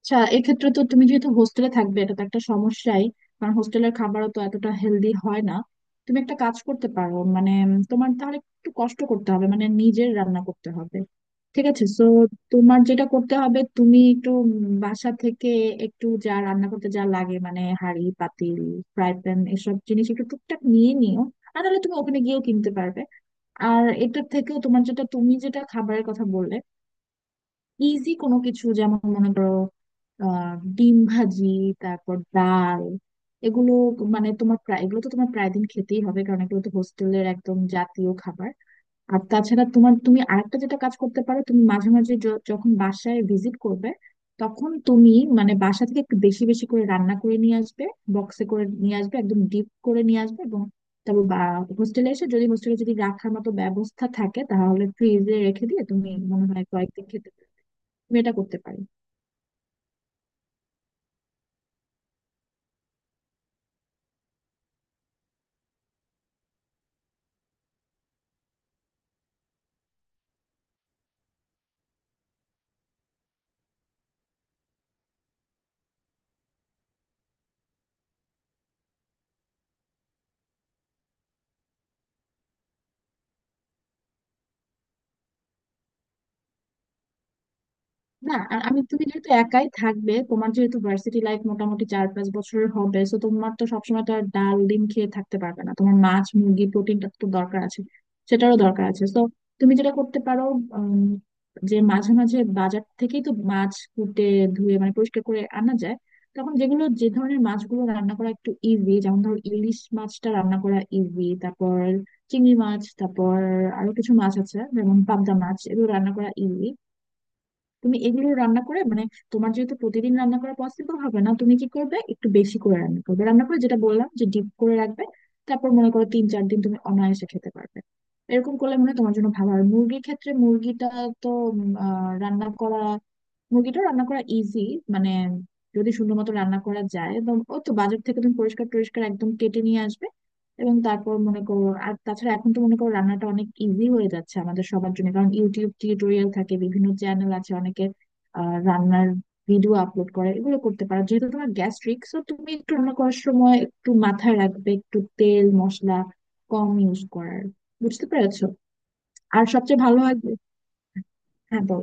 আচ্ছা, এক্ষেত্রে তো তুমি যেহেতু হোস্টেলে থাকবে, এটা তো একটা সমস্যাই। কারণ হোস্টেলের খাবারও তো এতটা হেলদি হয় না। তুমি একটা কাজ করতে পারো, মানে তোমার তাহলে একটু কষ্ট করতে হবে, মানে নিজের রান্না করতে হবে। ঠিক আছে। সো তোমার যেটা করতে হবে, তুমি একটু বাসা থেকে একটু যা রান্না করতে যা লাগে, মানে হাঁড়ি পাতিল, ফ্রাই প্যান, এসব জিনিস একটু টুকটাক নিয়ে নিও। আর নাহলে তুমি ওখানে গিয়েও কিনতে পারবে। আর এটার থেকেও তোমার যেটা, তুমি যেটা খাবারের কথা বললে, ইজি কোনো কিছু, যেমন মনে করো ডিম ভাজি, তারপর ডাল, এগুলো। মানে তোমার প্রায় এগুলো তো তোমার প্রায় দিন খেতেই হবে, কারণ এগুলো তো হোস্টেলের একদম জাতীয় খাবার। আর তাছাড়া তোমার, তুমি আরেকটা যেটা কাজ করতে পারো, তুমি মাঝে মাঝে যখন বাসায় ভিজিট করবে, তখন তুমি মানে বাসা থেকে একটু বেশি বেশি করে রান্না করে নিয়ে আসবে, বক্সে করে নিয়ে আসবে, একদম ডিপ করে নিয়ে আসবে এবং তারপর হোস্টেলে এসে যদি, হোস্টেলে যদি রাখার মতো ব্যবস্থা থাকে তাহলে ফ্রিজে রেখে দিয়ে তুমি মনে হয় কয়েকদিন খেতে পারবে। তুমি এটা করতে পারি। না, আর আমি, তুমি যেহেতু একাই থাকবে, তোমার যেহেতু ভার্সিটি লাইফ মোটামুটি চার পাঁচ বছরের হবে, তো তোমার তো সবসময় তো আর ডাল ডিম খেয়ে থাকতে পারবে না। তোমার মাছ মুরগি প্রোটিনটা তো দরকার আছে। সেটারও দরকার আছে। তো তুমি যেটা করতে পারো, উম, যে মাঝে মাঝে বাজার থেকেই তো মাছ কুটে ধুয়ে মানে পরিষ্কার করে আনা যায়। তখন যেগুলো, যে ধরনের মাছগুলো রান্না করা একটু ইজি, যেমন ধরো ইলিশ মাছটা রান্না করা ইজি, তারপর চিংড়ি মাছ, তারপর আরো কিছু মাছ আছে, যেমন পাবদা মাছ, এগুলো রান্না করা ইজি। তুমি এগুলো রান্না করে, মানে তোমার যেহেতু প্রতিদিন রান্না করা পসিবল হবে না, তুমি কি করবে, একটু বেশি করে রান্না করবে, রান্না করে যেটা বললাম, যে ডিপ করে রাখবে। তারপর মনে করো তিন চার দিন তুমি অনায়াসে খেতে পারবে। এরকম করলে মনে হয় তোমার জন্য ভালো হয়। মুরগির ক্ষেত্রে, মুরগিটা তো রান্না করা, মুরগিটা রান্না করা ইজি। মানে যদি সুন্দর মতো রান্না করা যায় এবং ও তো বাজার থেকে তুমি পরিষ্কার টরিষ্কার একদম কেটে নিয়ে আসবে। এবং তারপর মনে করো, আর তাছাড়া এখন তো মনে করো রান্নাটা অনেক ইজি হয়ে যাচ্ছে আমাদের সবার জন্য, কারণ ইউটিউব টিউটোরিয়াল থাকে, বিভিন্ন চ্যানেল আছে, অনেকে রান্নার ভিডিও আপলোড করে। এগুলো করতে পারো। যেহেতু তোমার গ্যাস্ট্রিক, সো তুমি একটু রান্না করার সময় একটু মাথায় রাখবে, একটু তেল মশলা কম ইউজ করার। বুঝতে পেরেছো? আর সবচেয়ে ভালো হয়, হ্যাঁ বলো।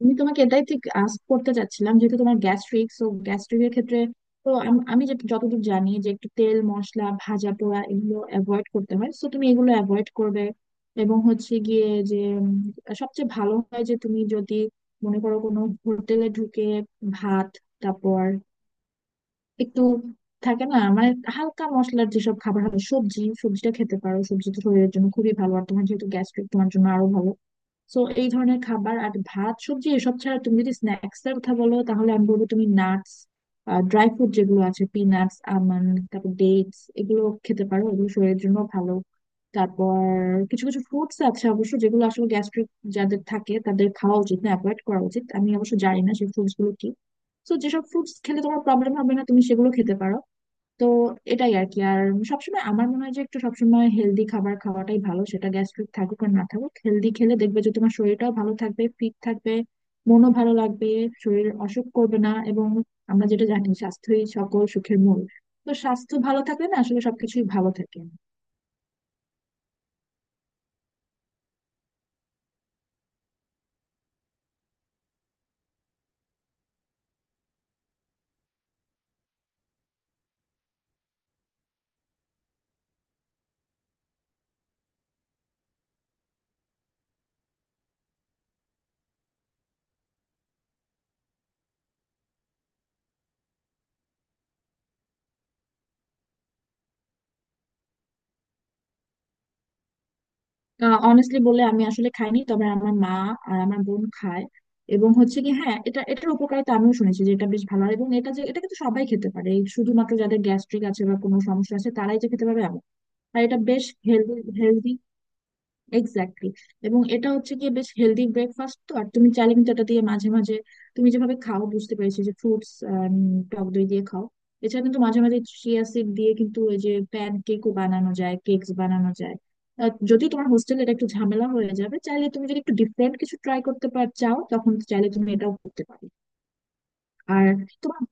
আমি তোমাকে এটাই ঠিক আস্ক করতে চাচ্ছিলাম, যেহেতু তোমার গ্যাস্ট্রিক, সো গ্যাস্ট্রিকের ক্ষেত্রে, তো আমি যে যতদূর জানি যে একটু তেল মশলা ভাজা পোড়া এগুলো অ্যাভয়েড করতে হয়, সো তুমি এগুলো অ্যাভয়েড করবে। এবং হচ্ছে গিয়ে যে সবচেয়ে ভালো হয় যে তুমি যদি মনে করো কোনো হোটেলে ঢুকে ভাত, তারপর একটু থাকে না, মানে হালকা মশলার যেসব খাবার হয়, সবজি, সবজিটা খেতে পারো। সবজি তো শরীরের জন্য খুবই ভালো, আর তোমার যেহেতু গ্যাস্ট্রিক তোমার জন্য আরো ভালো। সো এই ধরনের খাবার, আর ভাত সবজি এসব ছাড়া তুমি যদি স্ন্যাক্স এর কথা বলো, তাহলে আমি বলবো তুমি নাটস, ড্রাই ফ্রুট যেগুলো আছে, পিনাটস, আমন্ড, তারপর ডেটস, এগুলো খেতে পারো। এগুলো শরীরের জন্য ভালো। তারপর কিছু কিছু ফ্রুটস আছে অবশ্য, যেগুলো আসলে গ্যাস্ট্রিক যাদের থাকে তাদের খাওয়া উচিত না, অ্যাভয়েড করা উচিত। আমি অবশ্য জানি না সেই ফ্রুটস গুলো কি। তো যেসব ফ্রুটস খেলে তোমার প্রবলেম হবে না, তুমি সেগুলো খেতে পারো। তো এটাই আর কি। আর সবসময় আমার মনে হয় যে একটু সবসময় হেলদি খাবার খাওয়াটাই ভালো। সেটা গ্যাস্ট্রিক থাকুক আর না থাকুক, হেলদি খেলে দেখবে যে তোমার শরীরটাও ভালো থাকবে, ফিট থাকবে, মনও ভালো লাগবে, শরীর অসুখ করবে না। এবং আমরা যেটা জানি, স্বাস্থ্যই সকল সুখের মূল। তো স্বাস্থ্য ভালো থাকলে না আসলে সবকিছুই ভালো থাকে। অনেস্টলি বললে আমি আসলে খাইনি, তবে আমার মা আর আমার বোন খায়। এবং হচ্ছে কি, হ্যাঁ, এটা, এটার উপকারিতা আমিও শুনেছি যে এটা বেশ ভালো। আর এবং এটা, যে এটা কিন্তু সবাই খেতে পারে। এই শুধুমাত্র যাদের গ্যাস্ট্রিক আছে বা কোনো সমস্যা আছে তারাই যে খেতে পারবে এমন। আর এটা বেশ হেলদি, এক্স্যাক্টলি। এবং এটা হচ্ছে গিয়ে বেশ হেলদি ব্রেকফাস্ট। তো আর তুমি চাইলে কিন্তু এটা দিয়ে মাঝে মাঝে, তুমি যেভাবে খাও বুঝতে পেরেছি, যে ফ্রুটস, টক দই দিয়ে খাও, এছাড়া কিন্তু মাঝে মাঝে চিয়া সিড দিয়ে কিন্তু ওই যে প্যান কেকও বানানো যায়, কেকস বানানো যায়। যদি তোমার হোস্টেলে এটা একটু ঝামেলা হয়ে যাবে, চাইলে তুমি যদি একটু ডিফারেন্ট কিছু ট্রাই করতে পার চাও, তখন চাইলে তুমি এটাও করতে পারো। আর তোমার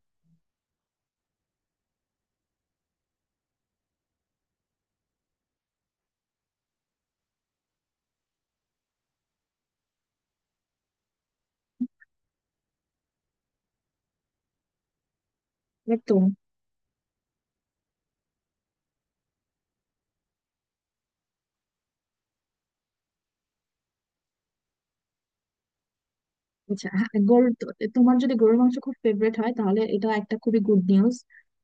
একদম আচ্ছা, হ্যাঁ, তোমার যদি গরুর মাংস খুব ফেভারিট হয়, তাহলে এটা একটা খুবই গুড নিউজ।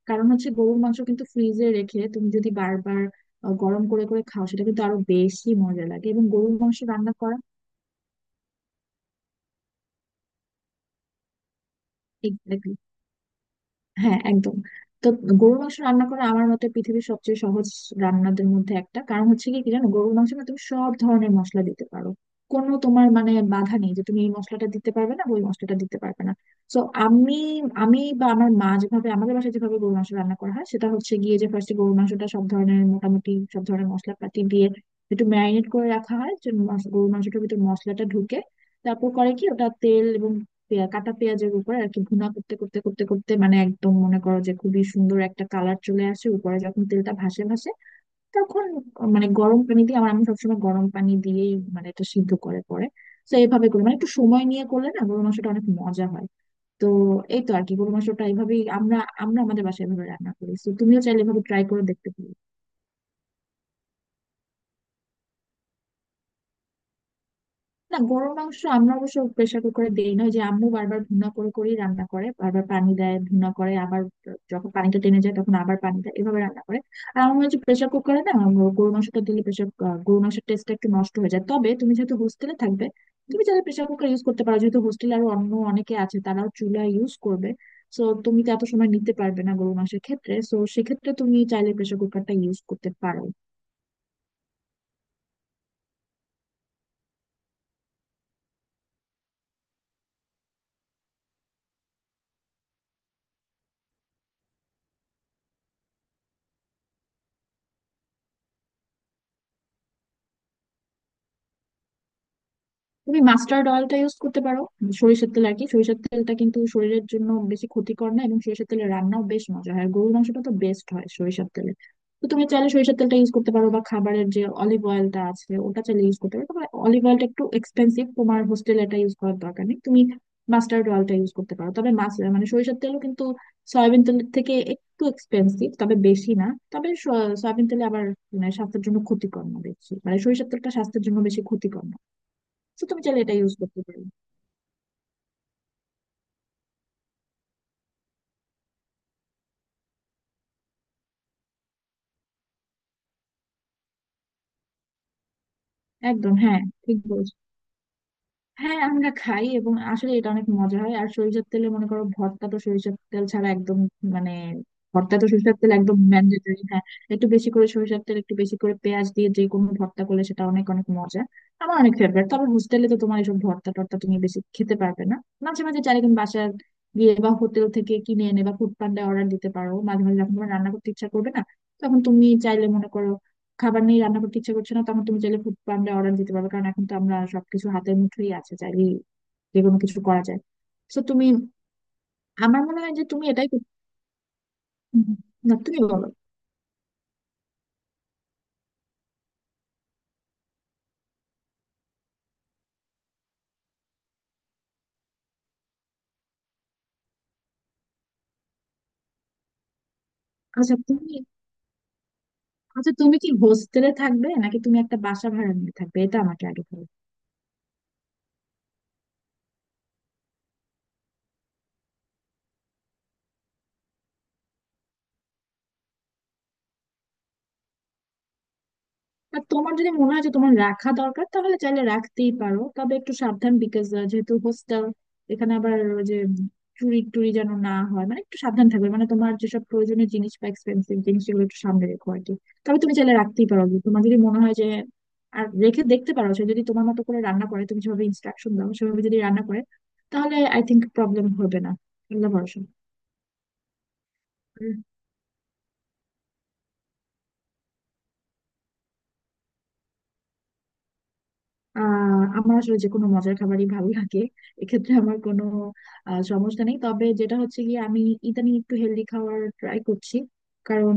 কারণ হচ্ছে গরুর মাংস কিন্তু ফ্রিজে রেখে তুমি যদি বারবার গরম করে করে খাও, সেটা কিন্তু আরো বেশি মজা লাগে। এবং গরুর মাংস রান্না করা, হ্যাঁ একদম, তো গরুর মাংস রান্না করা আমার মতে পৃথিবীর সবচেয়ে সহজ রান্নাদের মধ্যে একটা। কারণ হচ্ছে কি, কি জানো, গরুর মাংসে না তুমি সব ধরনের মশলা দিতে পারো। কোনো তোমার, মানে বাধা নেই যে তুমি এই মশলাটা দিতে পারবে না, ওই মশলাটা দিতে পারবে না। তো আমি আমি বা আমার মা যেভাবে আমাদের বাসায় যেভাবে গরুর মাংস রান্না করা হয়, সেটা হচ্ছে গিয়ে যে ফার্স্টে গরুর মাংসটা সব ধরনের, মোটামুটি সব ধরনের মশলাপাতি দিয়ে একটু ম্যারিনেট করে রাখা হয়, যে গরুর মাংসটার ভিতর মশলাটা ঢুকে। তারপর করে কি, ওটা তেল এবং কাটা পেঁয়াজের উপরে আর কি ভুনা করতে করতে করতে করতে মানে একদম মনে করো যে খুবই সুন্দর একটা কালার চলে আসে, উপরে যখন তেলটা ভাসে ভাসে, তখন মানে গরম পানি দিয়ে, আমার, আমি সবসময় গরম পানি দিয়েই মানে এটা সিদ্ধ করে পরে। তো এইভাবে করি, মানে একটু সময় নিয়ে করলে না গরু মাংসটা অনেক মজা হয়। তো এই তো আর কি, গরু মাংসটা এইভাবেই আমরা আমরা আমাদের বাসায় এভাবে রান্না করি। তো তুমিও চাইলে এভাবে ট্রাই করে দেখতে পারো। না, গরুর মাংস আমরা অবশ্য প্রেসার কুকারে দেই না। ওই যে আম্মু বারবার ভুনা করে করেই রান্না করে, বারবার পানি দেয়, ভুনা করে আবার যখন পানিটা টেনে যায় তখন আবার পানি দেয়, এভাবে রান্না করে। আর আমার মনে হচ্ছে প্রেসার কুকারে না গরুর মাংসটা দিলে প্রেসার, গরুর মাংসের টেস্টটা একটু নষ্ট হয়ে যায়। তবে তুমি যেহেতু হোস্টেলে থাকবে, তুমি চাইলে প্রেসার কুকার ইউজ করতে পারো। যেহেতু হোস্টেলে আরো অন্য অনেকে আছে, তারাও চুলা ইউজ করবে, সো তুমি তো এত সময় নিতে পারবে না গরুর মাংসের ক্ষেত্রে, সো সেক্ষেত্রে তুমি চাইলে প্রেসার কুকারটা ইউজ করতে পারো। তুমি মাস্টার্ড অয়েলটা ইউজ করতে পারো, সরিষার তেল আর কি। সরিষার তেলটা কিন্তু শরীরের জন্য বেশি ক্ষতিকর না, এবং সরিষার তেলের রান্নাও বেশ মজা হয়, আর গরুর মাংসটা তো বেস্ট হয় সরিষার তেলে। তো তুমি চাইলে সরিষার তেলটা ইউজ করতে পারো, বা খাবারের যে অলিভ অয়েলটা আছে ওটা চাইলে ইউজ করতে পারো। তবে অলিভ অয়েলটা একটু এক্সপেন্সিভ, তোমার হোস্টেলে এটা ইউজ করার দরকার নেই। তুমি মাস্টার্ড অয়েলটা ইউজ করতে পারো। তবে মাছ, মানে সরিষার তেলও কিন্তু সয়াবিন তেলের থেকে একটু এক্সপেন্সিভ, তবে বেশি না। তবে সয়াবিন তেলে আবার মানে স্বাস্থ্যের জন্য ক্ষতিকর না বেশি, মানে সরিষার তেলটা স্বাস্থ্যের জন্য বেশি ক্ষতিকর না। তো তুমি চাইলে এটা ইউজ করতে পারো। একদম, হ্যাঁ, ঠিক বলছো। হ্যাঁ আমরা খাই, এবং আসলে এটা অনেক মজা হয়। আর সরিষার তেলে মনে করো ভর্তা তো সরিষার তেল ছাড়া একদম মানে, ভর্তা তো সরিষার তেল একদম ম্যান্ডেটরি, হ্যাঁ। একটু বেশি করে সরিষার তেল, একটু বেশি করে পেঁয়াজ দিয়ে যে কোনো ভর্তা করলে সেটা অনেক অনেক মজা। আমার অনেক ফেভারিট। তবে হোস্টেলে তো তোমার এসব ভর্তা টর্তা তুমি বেশি খেতে পারবে না। মাঝে মাঝে চাইলে তুমি বাসার গিয়ে বা হোটেল থেকে কিনে এনে বা ফুড পান্ডায় অর্ডার দিতে পারো মাঝে মাঝে যখন তোমার রান্না করতে ইচ্ছা করবে না। তখন তুমি চাইলে মনে করো খাবার নেই, রান্না করতে ইচ্ছে করছে না, তখন তুমি চাইলে ফুড পান্ডা অর্ডার দিতে পারবে। কারণ এখন তো আমরা সবকিছু হাতের মুঠোই আছে, চাইলেই যে কোনো কিছু করা যায়। তো তুমি, আমার মনে হয় যে তুমি এটাই হুম, না, তুমি বলো। আচ্ছা তুমি, আচ্ছা তুমি কি হোস্টেলে থাকবে নাকি তুমি একটা বাসা ভাড়া নিয়ে থাকবে, এটা আমাকে আগে বলো। আর তোমার যদি মনে হয় যে তোমার রাখা দরকার, তাহলে চাইলে রাখতেই পারো। তবে একটু সাবধান, বিকজ যেহেতু হোস্টেল, এখানে আবার ওই যে চুরি টুরি যেন না হয়, মানে একটু সাবধান থাকবে, মানে তোমার যেসব প্রয়োজনীয় জিনিস বা এক্সপেন্সিভ জিনিস সেগুলো একটু সামনে রেখো আর কি। তবে তুমি চাইলে রাখতেই পারো, তোমার যদি মনে হয় যে, আর রেখে দেখতে পারো। সে যদি তোমার মতো করে রান্না করে, তুমি যেভাবে ইনস্ট্রাকশন দাও সেভাবে যদি রান্না করে, তাহলে আই থিংক প্রবলেম হবে না। আল্লাহ ভরসা। আহ, আমার আসলে যে কোনো মজার খাবারই ভালো লাগে। এক্ষেত্রে আমার কোনো সমস্যা নেই। তবে যেটা হচ্ছে গিয়ে, আমি ইদানিং একটু হেলদি খাওয়ার ট্রাই করছি। কারণ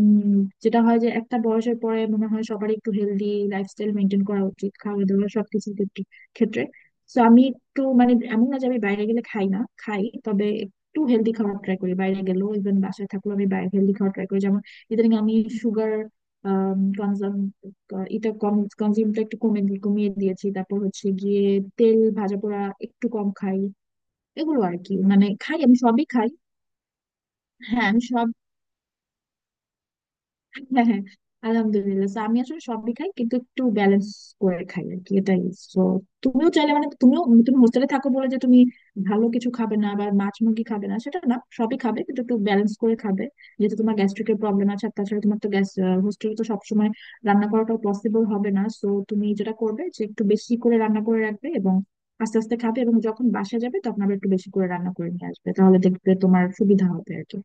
যেটা হয়, যে একটা বয়সের পরে মনে হয় সবারই একটু হেলদি লাইফস্টাইল মেনটেন করা উচিত, খাওয়া দাওয়া সবকিছুর ক্ষেত্রে, ক্ষেত্রে। তো আমি একটু, মানে এমন না যে আমি বাইরে গেলে খাই না খাই, তবে একটু হেলদি খাওয়ার ট্রাই করি, বাইরে গেলেও ইভেন বাসায় থাকলেও, আমি বাইরে হেলদি খাওয়ার ট্রাই করি। যেমন ইদানিং আমি সুগার এটা কম, কনজিউমটা একটু কমিয়ে দিয়েছি। তারপর হচ্ছে গিয়ে তেল ভাজা পোড়া একটু কম খাই, এগুলো আর কি। মানে খাই, আমি সবই খাই। হ্যাঁ আমি সবই, হ্যাঁ হ্যাঁ, আলহামদুলিল্লাহ। So, আমি আসলে সবই খাই, কিন্তু একটু ব্যালেন্স করে খাই আর কি, এটাই। সো তুমিও চাইলে, মানে তুমিও, তুমি হোস্টেলে থাকো বলে যে তুমি ভালো কিছু খাবে না বা মাছ মুরগি খাবে না সেটা না, সবই খাবে, কিন্তু একটু ব্যালেন্স করে খাবে। যেহেতু তোমার গ্যাস্ট্রিকের প্রবলেম আছে, আর তাছাড়া তোমার তো গ্যাস, হোস্টেলে তো সবসময় রান্না করাটাও পসিবল হবে না, সো তুমি যেটা করবে, যে একটু বেশি করে রান্না করে রাখবে এবং আস্তে আস্তে খাবে, এবং যখন বাসায় যাবে তখন আবার একটু বেশি করে রান্না করে নিয়ে আসবে, তাহলে দেখবে তোমার সুবিধা হবে আর কি।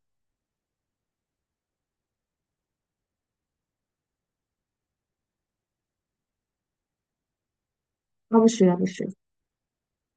অবশ্যই, অবশ্যই।